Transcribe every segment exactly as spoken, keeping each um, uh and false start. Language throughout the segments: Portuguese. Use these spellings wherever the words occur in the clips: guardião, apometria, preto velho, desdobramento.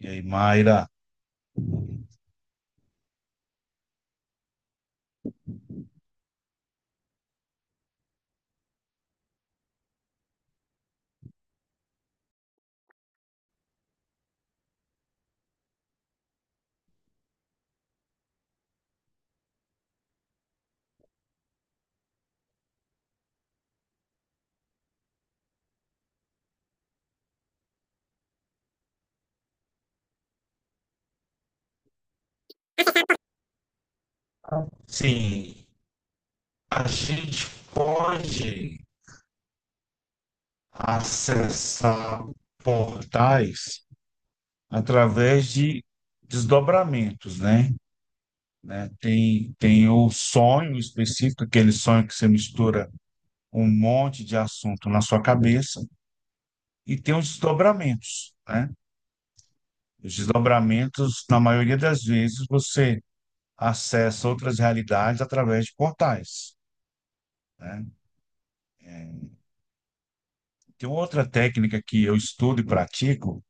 E aí, Mayra? Sim, a gente pode acessar portais através de desdobramentos, né? né? Tem, tem o sonho específico, aquele sonho que você mistura um monte de assunto na sua cabeça, e tem os desdobramentos, né? Os desdobramentos, na maioria das vezes, você acessa outras realidades através de portais, né? Tem outra técnica que eu estudo e pratico,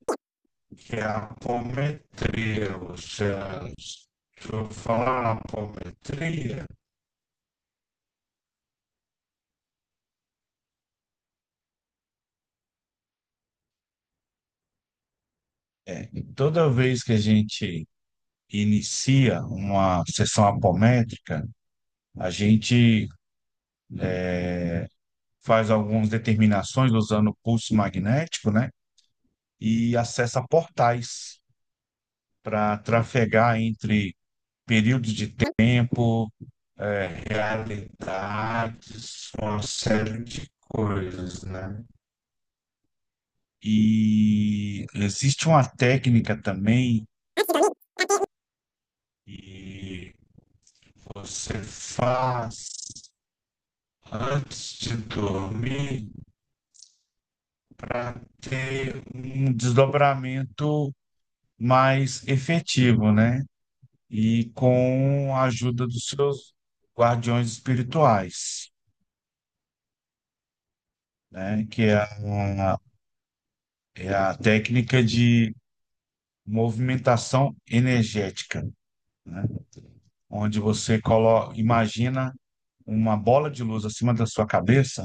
que é a apometria. Ou seja, deixa eu falar a apometria. Toda vez que a gente inicia uma sessão apométrica, a gente faz algumas determinações usando o pulso magnético, né? E acessa portais para trafegar entre períodos de tempo, eh, realidades, uma série de coisas, né? E existe uma técnica também que você faz antes de dormir para ter um desdobramento mais efetivo, né? E com a ajuda dos seus guardiões espirituais, né? Que é a, é a técnica de movimentação energética, né? Onde você colo- imagina uma bola de luz acima da sua cabeça,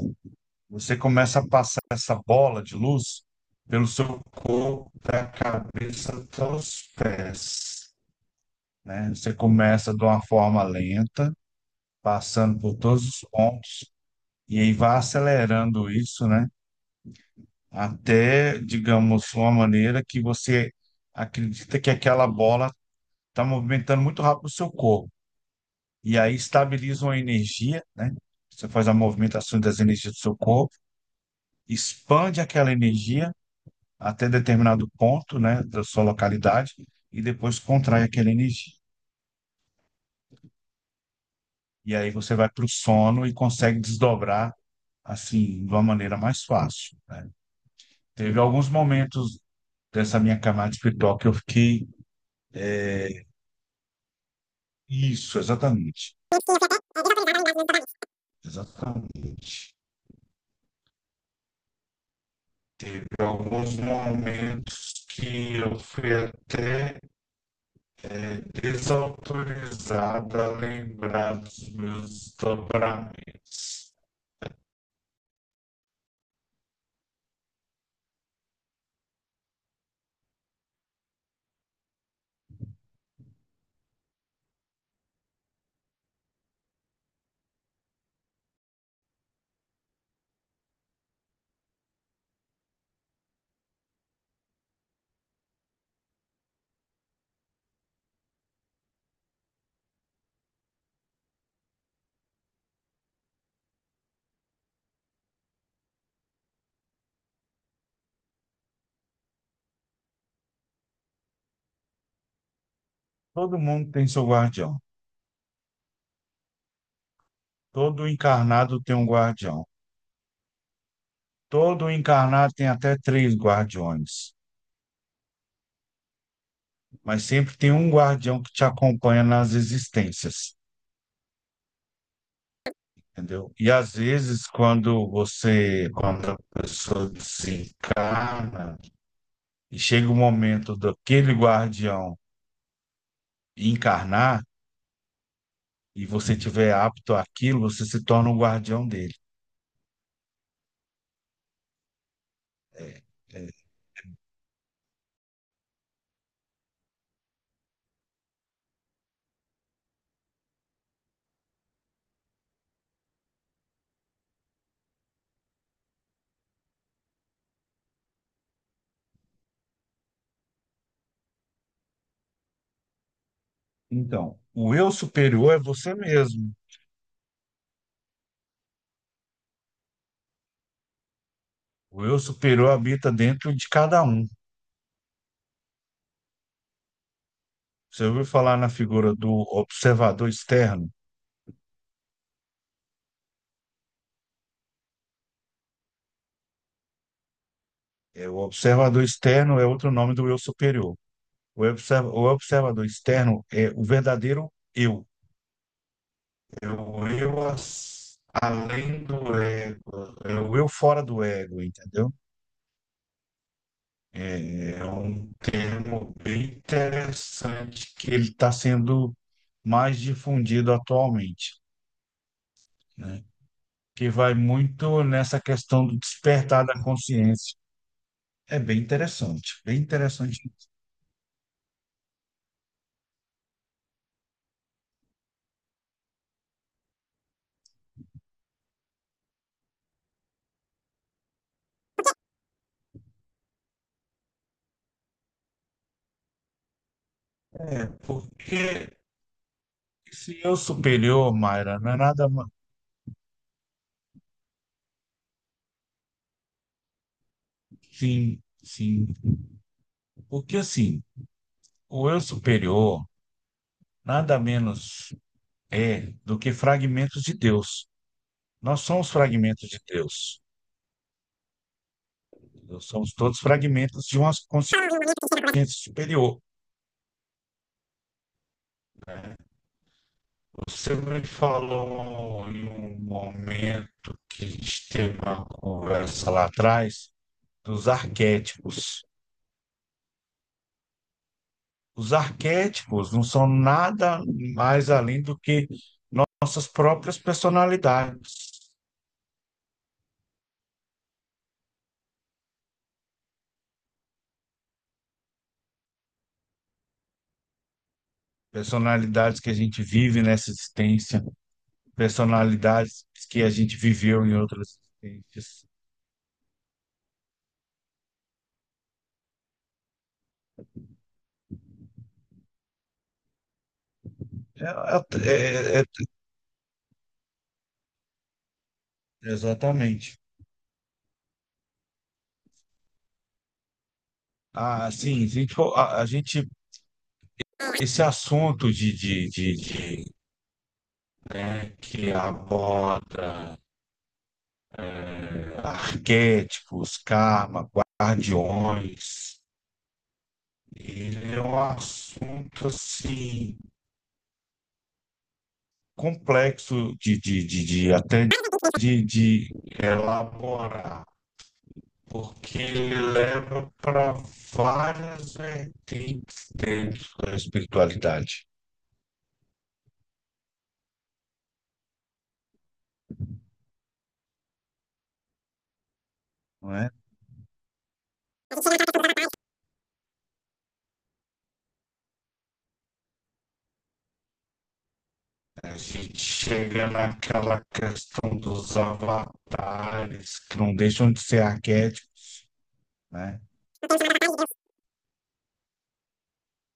você começa a passar essa bola de luz pelo seu corpo, da cabeça até os pés, né? Você começa de uma forma lenta, passando por todos os pontos, e aí vai acelerando isso, né? Até, digamos, uma maneira que você acredita que aquela bola está movimentando muito rápido o seu corpo. E aí estabiliza uma energia, né? Você faz a movimentação das energias do seu corpo, expande aquela energia até determinado ponto, né, da sua localidade, e depois contrai aquela energia. E aí você vai para o sono e consegue desdobrar assim de uma maneira mais fácil, né? Teve alguns momentos dessa minha camada espiritual que eu fiquei é, isso, exatamente, exatamente. Teve alguns momentos que eu fui até desautorizada a lembrar dos meus desdobramentos. Todo mundo tem seu guardião. Todo encarnado tem um guardião. Todo encarnado tem até três guardiões, mas sempre tem um guardião que te acompanha nas existências, entendeu? E às vezes, quando você, quando a pessoa desencarna, e chega o momento daquele guardião encarnar, e você tiver apto àquilo, você se torna o guardião dele. Então, o eu superior é você mesmo. O eu superior habita dentro de cada um. Você ouviu falar na figura do observador externo? É, o observador externo é outro nome do eu superior. O observa- o observador externo é o verdadeiro eu. É o eu as- além do ego. É o eu fora do ego, entendeu? É, é um termo bem interessante que ele está sendo mais difundido atualmente, né? Que vai muito nessa questão do despertar da consciência. É bem interessante, bem interessante. Porque esse eu superior, Mayra, não é nada. ma- Sim, sim. Porque assim, o eu superior nada menos é do que fragmentos de Deus. Nós somos fragmentos de Deus. Nós somos todos fragmentos de uma consciência superior. Você me falou em um momento que a gente teve uma conversa lá atrás dos arquétipos. Os arquétipos não são nada mais além do que nossas próprias personalidades, personalidades que a gente vive nessa existência, personalidades que a gente viveu em outras existências. É, é, é, é, exatamente. Ah, sim, a gente, a, a gente esse assunto de, de, de, de, né, que aborda eh, arquétipos, karma, guardiões. Ele é um assunto assim complexo de, de, de, de até de, de elaborar, porque ele leva para várias vertentes dentro da espiritualidade. Não é? A gente chega naquela questão dos avatares, que não deixam de ser arquétipos, né?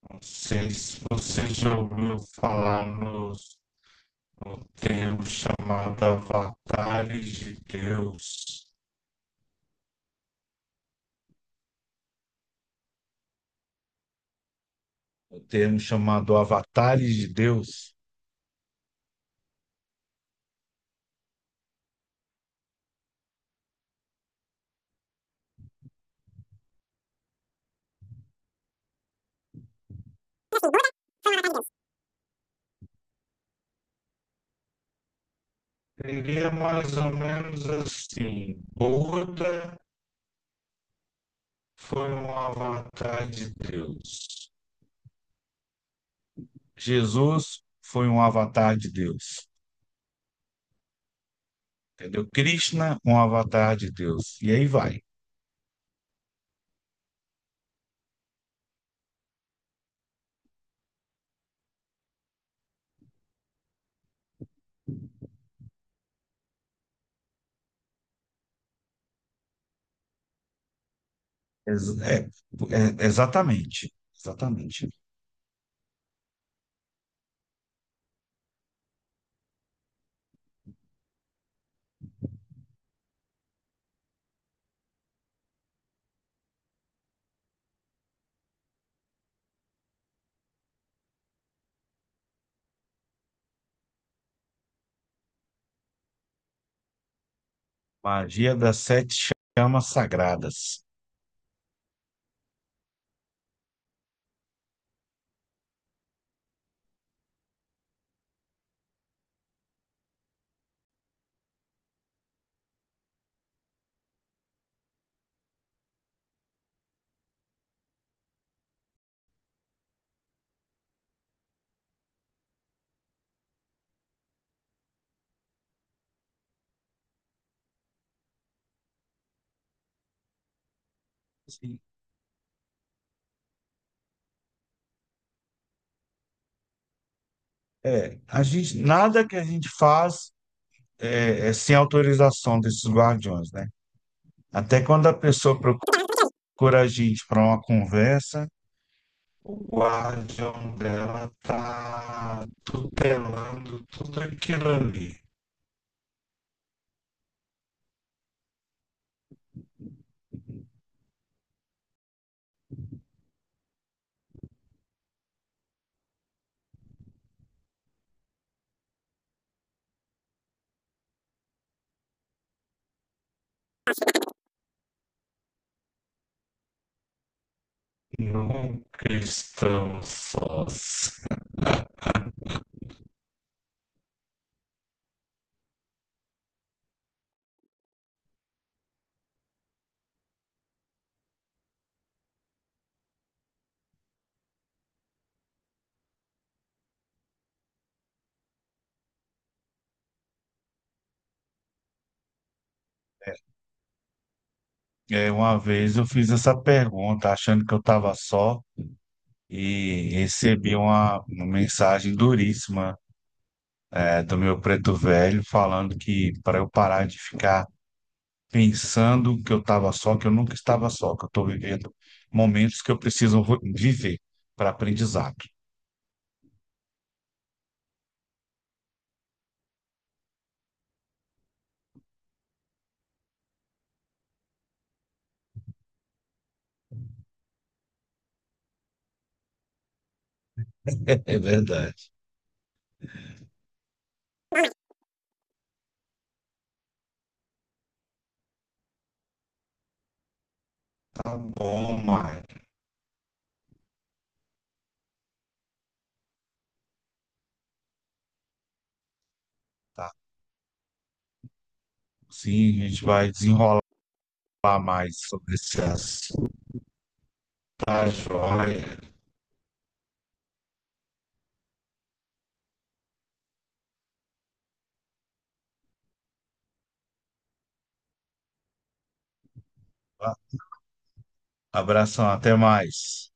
Não sei se você já ouviu falar nos o termo chamado avatares de Deus, o termo chamado avatares de Deus, seria mais ou menos assim: Buda foi um avatar de Deus, Jesus foi um avatar de Deus, entendeu? Krishna, um avatar de Deus, e aí vai. Ex- é- é- Exatamente, exatamente. Magia das sete chamas sagradas. Sim. É, a gente, nada que a gente faz é, é sem autorização desses guardiões, né? Até quando a pessoa procura a gente para uma conversa, o guardião dela está tutelando tudo aquilo ali. Nunca estamos sós. É, uma vez eu fiz essa pergunta achando que eu estava só e recebi uma, uma mensagem duríssima, é, do meu preto velho falando que para eu parar de ficar pensando que eu estava só, que eu nunca estava só, que eu estou vivendo momentos que eu preciso vo- viver para aprendizado. É verdade. Tá bom, Maia. Tá. Sim, a gente vai desenrolar mais sobre esse assunto. Tá, joia. Tá? Abração, até mais.